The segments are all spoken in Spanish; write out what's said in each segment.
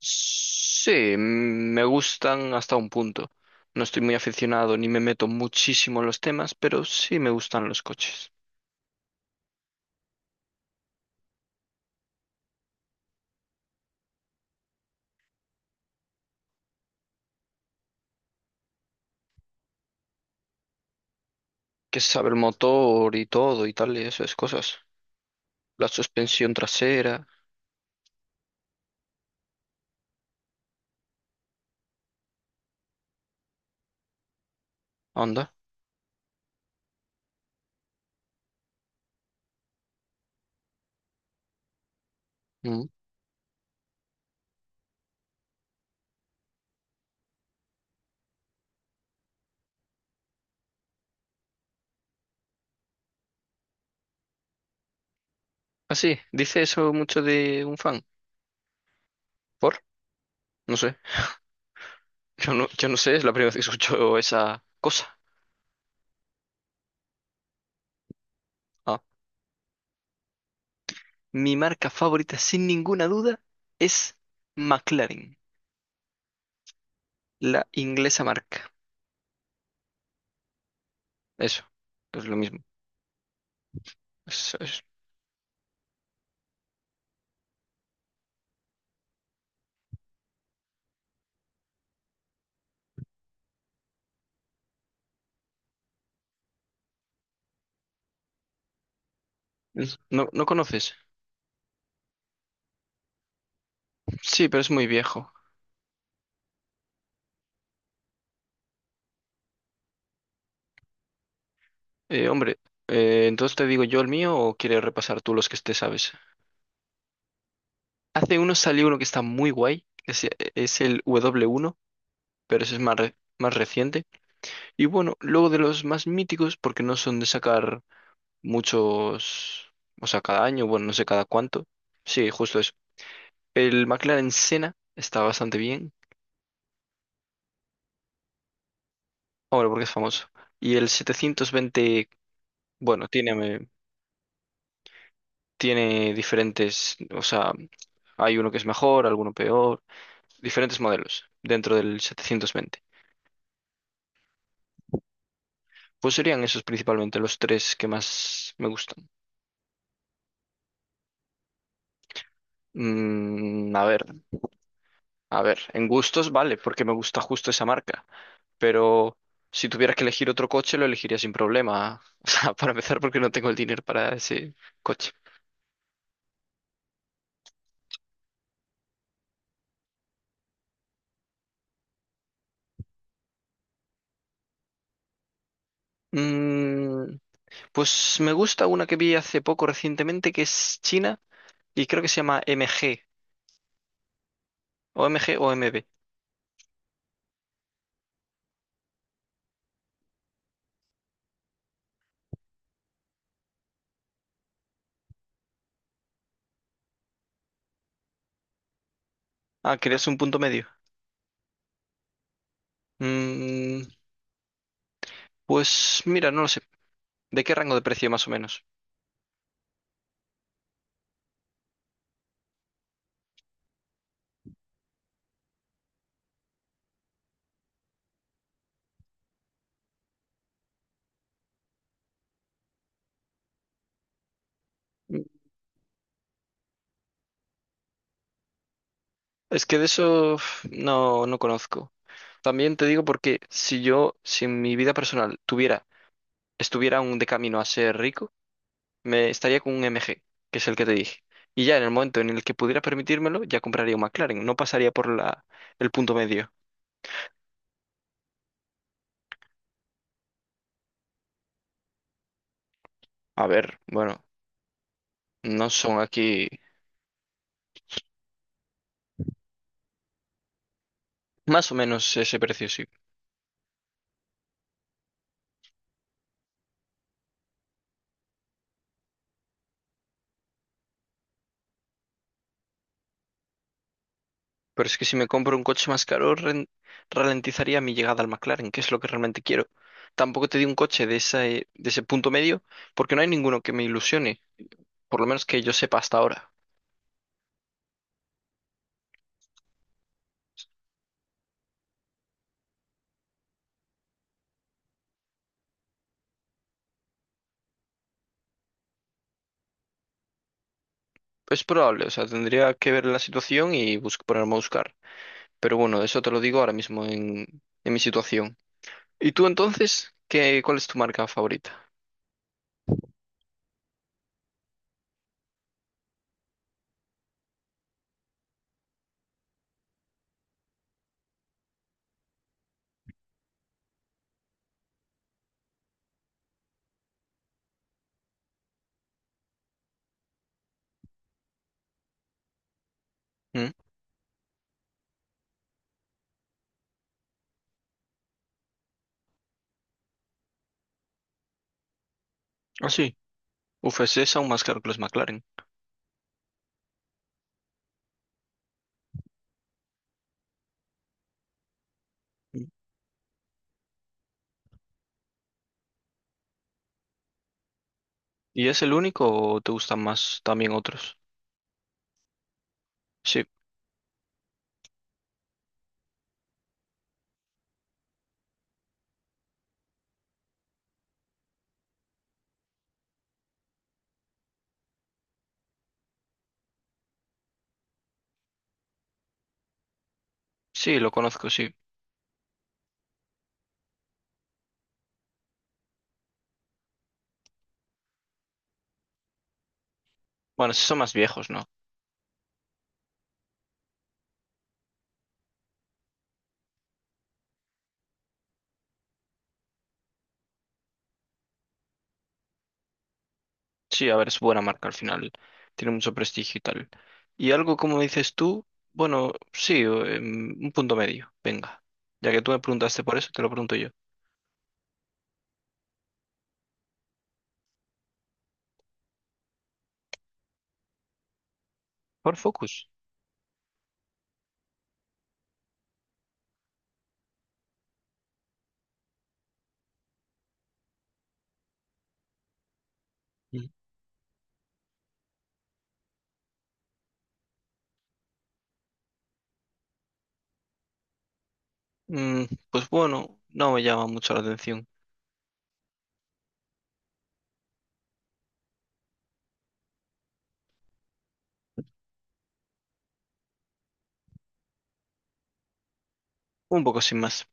Sí, me gustan hasta un punto. No estoy muy aficionado ni me meto muchísimo en los temas, pero sí me gustan los coches. Que se sabe el motor y todo y tal, y esas cosas. La suspensión trasera, anda. ¿No? Así, dice eso mucho de un fan. ¿Por? No sé. Yo no sé, es la primera vez que escucho esa cosa. Ah. Mi marca favorita, sin ninguna duda, es McLaren, la inglesa marca. Eso, es lo mismo. Es- es- no, ¿no conoces? Sí, pero es muy viejo. ¿Hombre, entonces te digo yo el mío o quieres repasar tú los que te sabes? Hace uno salió uno que está muy guay, es, el W1, pero ese es más reciente. Y bueno, luego de los más míticos, porque no son de sacar muchos, o sea, cada año, bueno, no sé cada cuánto. Sí, justo eso. El McLaren Senna está bastante bien, ahora porque es famoso. Y el 720, bueno, tiene diferentes, o sea, hay uno que es mejor, alguno peor, diferentes modelos dentro del 720. Pues serían esos principalmente los tres que más me gustan. Mm, a ver, a ver, en gustos vale, porque me gusta justo esa marca. Pero si tuvieras que elegir otro coche, lo elegiría sin problema. O sea, para empezar, porque no tengo el dinero para ese coche. Mm, pues me gusta una que vi hace poco recientemente que es china y creo que se llama MG, o MG o MB. Ah, querías un punto medio. Mm, pues mira, no lo sé. ¿De qué rango de precio más o menos? Mm, Es que de eso uf, no, no conozco. También te digo porque si en mi vida personal estuviera aún de camino a ser rico, me estaría con un MG, que es el que te dije. Y ya en el momento en el que pudiera permitírmelo, ya compraría un McLaren. No pasaría por el punto medio. A ver, bueno, no son aquí más o menos ese precio, sí. Pero es que si me compro un coche más caro, ralentizaría mi llegada al McLaren, que es lo que realmente quiero. Tampoco te di un coche de ese, punto medio, porque no hay ninguno que me ilusione, por lo menos que yo sepa hasta ahora. Es probable, o sea, tendría que ver la situación y ponerme a buscar. Pero bueno, eso te lo digo ahora mismo en mi situación. ¿Y tú entonces, cuál es tu marca favorita? ¿Mm? Ah, sí. UFC es aún más caro que los McLaren. Mm. ¿Y es el único o te gustan más también otros? Sí, sí, lo conozco, sí. Bueno, sí son más viejos, ¿no? Sí, a ver, es buena marca al final. Tiene mucho prestigio y tal. Y algo como dices tú, bueno, sí, o, un punto medio. Venga. Ya que tú me preguntaste por eso, te lo pregunto yo. ¿Por Focus? Mm. Mm, pues bueno, no me llama mucho la atención. Un poco sin más.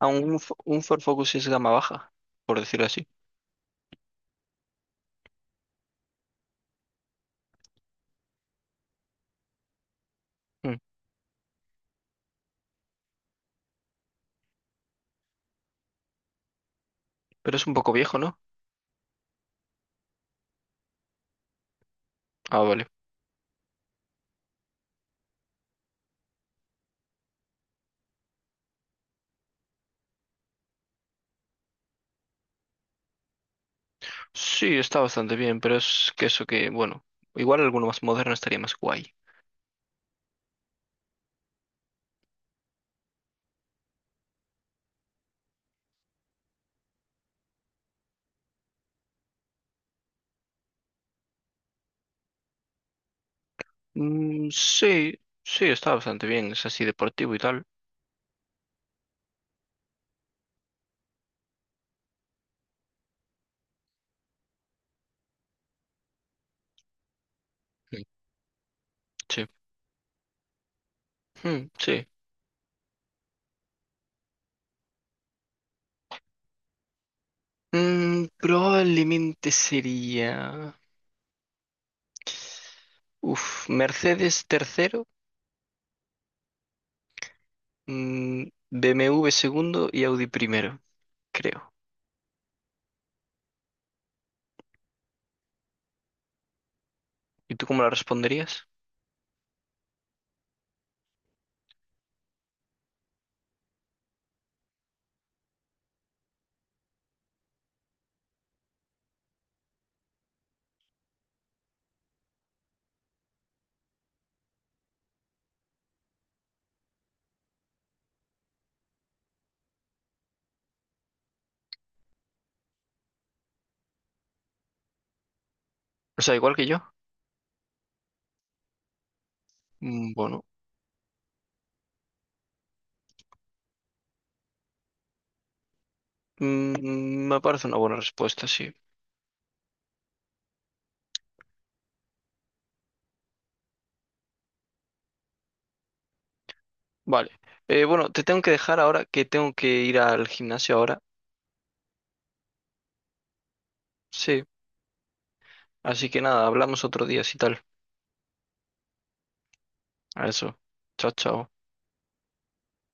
Un Ford Focus es gama baja, por decirlo así. Mm. Pero es un poco viejo, ¿no? Ah, vale. Sí, está bastante bien, pero es que eso que, bueno, igual alguno más moderno estaría más guay. Mm, sí, sí, está bastante bien, es así deportivo y tal. Mm. Sí, mm, sí. Probablemente sería... Uf, Mercedes tercero, mm, BMW segundo y Audi primero, creo. ¿Y tú cómo la responderías? O sea, igual que yo. Mm, bueno. Me parece una buena respuesta, sí. Vale. Bueno, te tengo que dejar ahora que tengo que ir al gimnasio ahora. Sí. Así que nada, hablamos otro día si tal. A eso. Chao, chao.